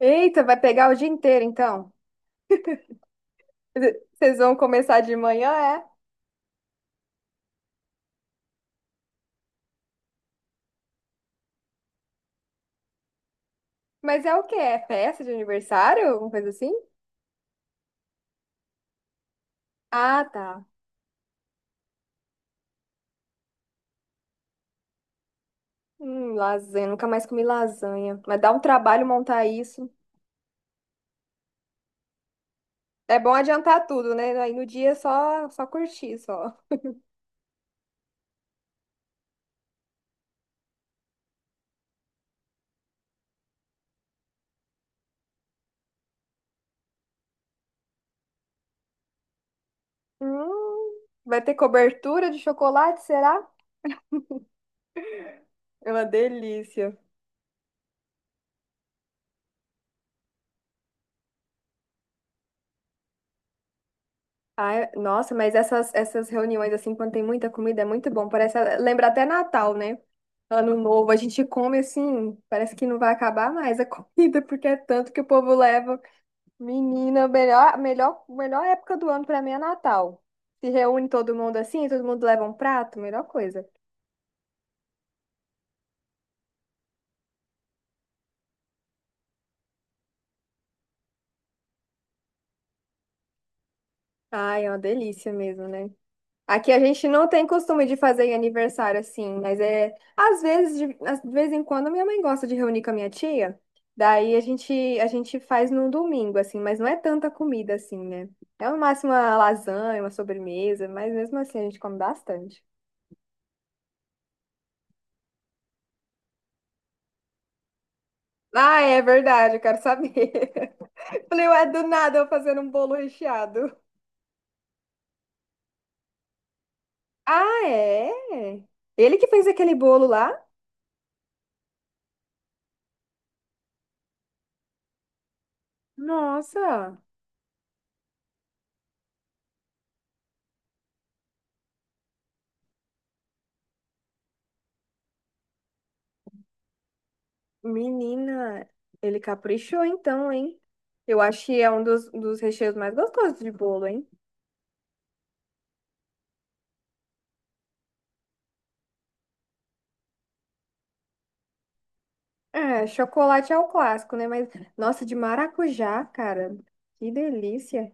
Eita, vai pegar o dia inteiro, então. Vocês vão começar de manhã, é? Mas é o quê? É festa de aniversário? Alguma coisa assim? Ah, tá. Lasanha. Nunca mais comi lasanha. Mas dá um trabalho montar isso. É bom adiantar tudo, né? Aí no dia é só curtir, só. Vai ter cobertura de chocolate, será? É uma delícia. Ai, nossa, mas essas reuniões, assim, quando tem muita comida, é muito bom. Parece, lembra até Natal, né? Ano novo, a gente come assim, parece que não vai acabar mais a comida, porque é tanto que o povo leva. Menina, melhor época do ano pra mim é Natal. Se reúne todo mundo assim, todo mundo leva um prato, melhor coisa. Ai, é uma delícia mesmo, né? Aqui a gente não tem costume de fazer aniversário assim, mas é. Às vezes, de vez em quando, minha mãe gosta de reunir com a minha tia. Daí a gente, a gente faz num domingo, assim, mas não é tanta comida assim, né? É no máximo uma lasanha, uma sobremesa, mas mesmo assim a gente come bastante. Ah, é verdade, eu quero saber. Falei, ué, do nada eu fazendo um bolo recheado. Ah, é? Ele que fez aquele bolo lá? Nossa! Menina, ele caprichou então, hein? Eu acho que é um dos recheios mais gostosos de bolo, hein? É, chocolate é o clássico, né? Mas, nossa, de maracujá, cara, que delícia.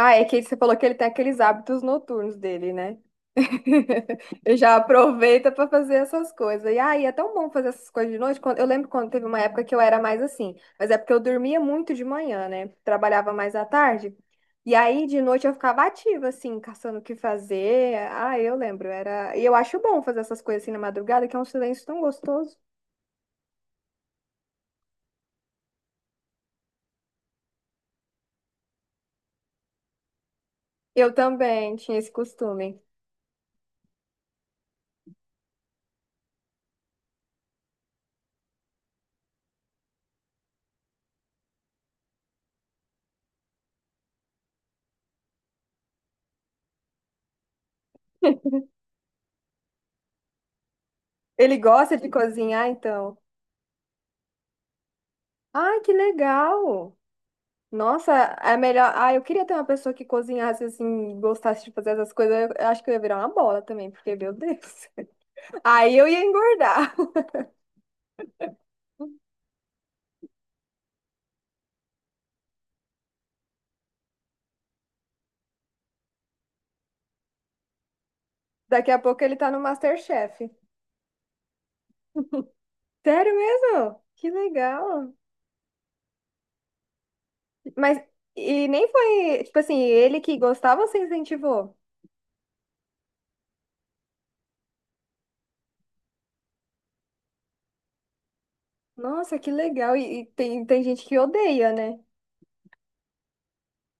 Ah, é que você falou que ele tem aqueles hábitos noturnos dele, né? Eu já aproveita pra fazer essas coisas. E aí, é tão bom fazer essas coisas de noite. Eu lembro quando teve uma época que eu era mais assim, mas é porque eu dormia muito de manhã, né? Trabalhava mais à tarde. E aí, de noite, eu ficava ativa, assim, caçando o que fazer. Ah, eu lembro, era. E eu acho bom fazer essas coisas assim na madrugada, que é um silêncio tão gostoso. Eu também tinha esse costume. Ele gosta de cozinhar, então. Ai, que legal! Nossa, é melhor. Ah, eu queria ter uma pessoa que cozinhasse assim, gostasse de fazer essas coisas. Eu acho que eu ia virar uma bola também, porque, meu Deus. Aí eu ia engordar. Daqui a pouco ele tá no MasterChef. Sério mesmo? Que legal. Mas, e nem foi, tipo assim, ele que gostava, você incentivou? Nossa, que legal. E tem, tem gente que odeia, né?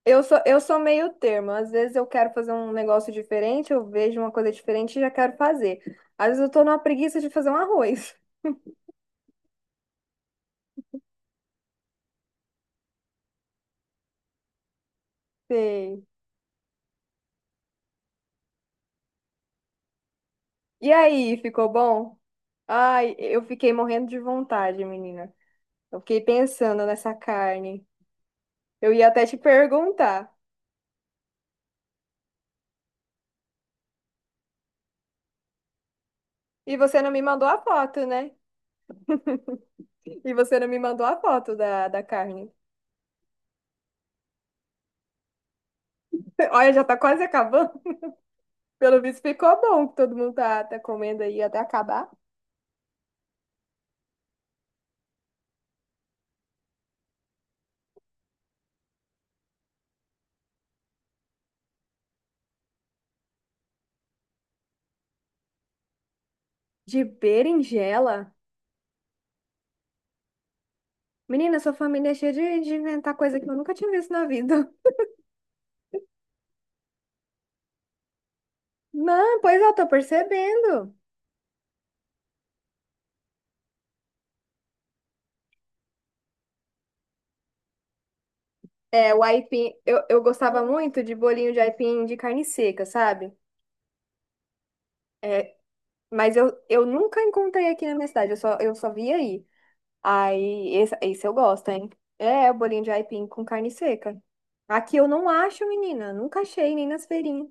Eu sou meio termo. Às vezes eu quero fazer um negócio diferente, eu vejo uma coisa diferente e já quero fazer. Às vezes eu tô numa preguiça de fazer um arroz. Sei. E aí, ficou bom? Ai, eu fiquei morrendo de vontade, menina. Eu fiquei pensando nessa carne. Eu ia até te perguntar. E você não me mandou a foto, né? E você não me mandou a foto da carne. Olha, já tá quase acabando. Pelo visto, ficou bom que todo mundo tá comendo aí até acabar. De berinjela? Menina, sua família é cheia de inventar coisa que eu nunca tinha visto na vida. Não, pois é, eu tô percebendo. É, o aipim, eu gostava muito de bolinho de aipim de carne seca, sabe? É, mas eu nunca encontrei aqui na minha cidade, eu só vi aí. Aí, esse eu gosto, hein? É, o bolinho de aipim com carne seca. Aqui eu não acho, menina, nunca achei, nem nas feirinhas.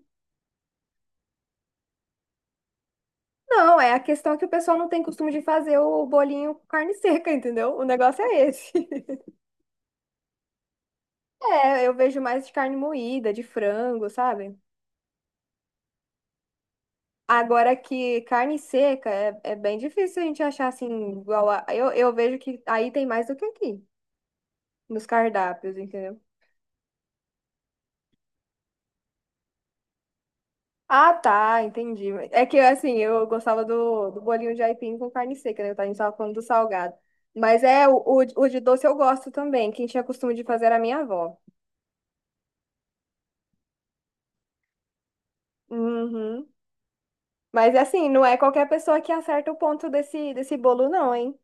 Não, é a questão que o pessoal não tem costume de fazer o bolinho com carne seca, entendeu? O negócio é esse. É, eu vejo mais de carne moída, de frango, sabe? Agora que carne seca é bem difícil a gente achar assim, igual a. Eu vejo que aí tem mais do que aqui, nos cardápios, entendeu? Ah, tá, entendi. É que assim, eu gostava do bolinho de aipim com carne seca, né? A gente tava falando do salgado. Mas é, o de doce eu gosto também. Quem tinha costume de fazer era a minha avó. Uhum. Mas assim, não é qualquer pessoa que acerta o ponto desse bolo, não, hein?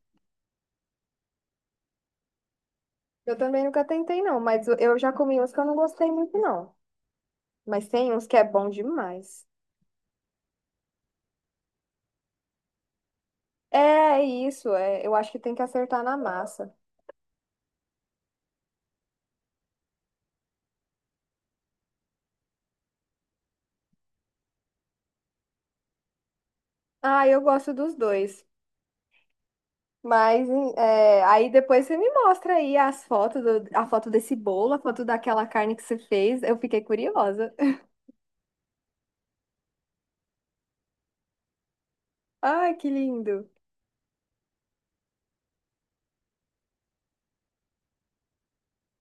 Eu também nunca tentei, não, mas eu já comi uns que eu não gostei muito, não. Mas tem uns que é bom demais. É isso, é, eu acho que tem que acertar na massa. Ah, eu gosto dos dois. Mas é, aí depois você me mostra aí as fotos, a foto desse bolo, a foto daquela carne que você fez. Eu fiquei curiosa. Ai, que lindo.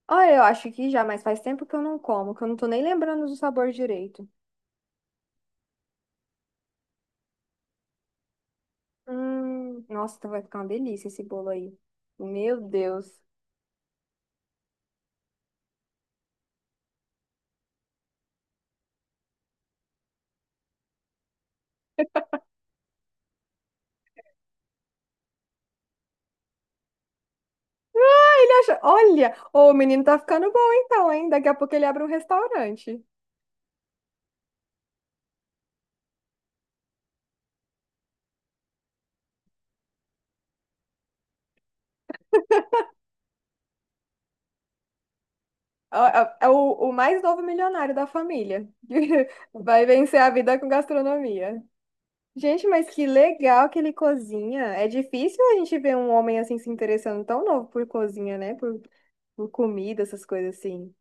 Olha, eu acho que já, mas faz tempo que eu não como, que eu não tô nem lembrando do sabor direito. Nossa, então vai ficar uma delícia esse bolo aí. Meu Deus. Olha, ô, o menino tá ficando bom então, hein? Daqui a pouco ele abre um restaurante. É é o mais novo milionário da família. Vai vencer a vida com gastronomia. Gente, mas que legal que ele cozinha. É difícil a gente ver um homem assim se interessando tão novo por cozinha, né? Por comida, essas coisas assim.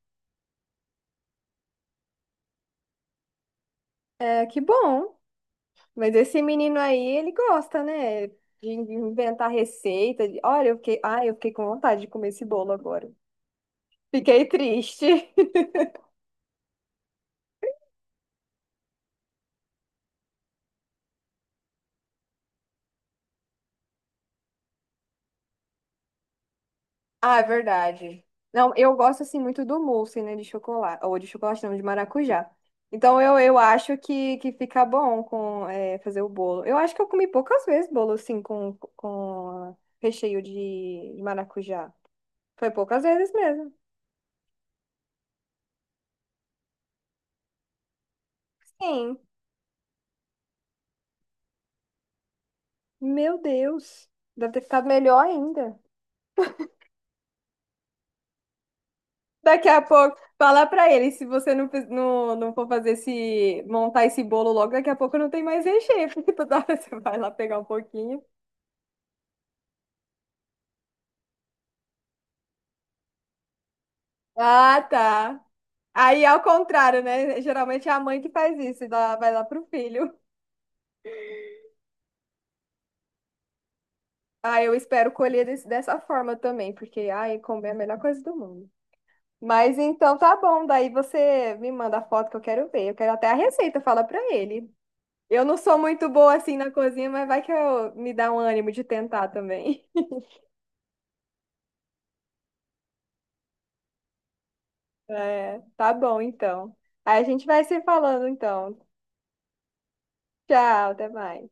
É, que bom. Mas esse menino aí, ele gosta, né? De inventar receita. Olha, eu fiquei com vontade de comer esse bolo agora. Fiquei triste. Ah, é verdade. Não, eu gosto assim muito do mousse, né, de chocolate, ou de chocolate não, de maracujá. Então eu acho que fica bom com é, fazer o bolo. Eu acho que eu comi poucas vezes bolo assim com recheio de maracujá. Foi poucas vezes mesmo. Sim. Meu Deus. Deve ter ficado melhor ainda. Daqui a pouco, fala pra ele, se você não, não for fazer esse, montar esse bolo logo, daqui a pouco não tem mais recheio, porque toda hora você vai lá pegar um pouquinho. Ah, tá. Aí é ao contrário, né? Geralmente é a mãe que faz isso e dá, vai lá pro filho. Ah, eu espero colher dessa forma também, porque ai, comer é a melhor coisa do mundo. Mas então tá bom, daí você me manda a foto que eu quero ver. Eu quero até a receita, fala pra ele. Eu não sou muito boa assim na cozinha, mas vai que eu me dá um ânimo de tentar também. É, tá bom então. Aí a gente vai se falando então. Tchau, até mais.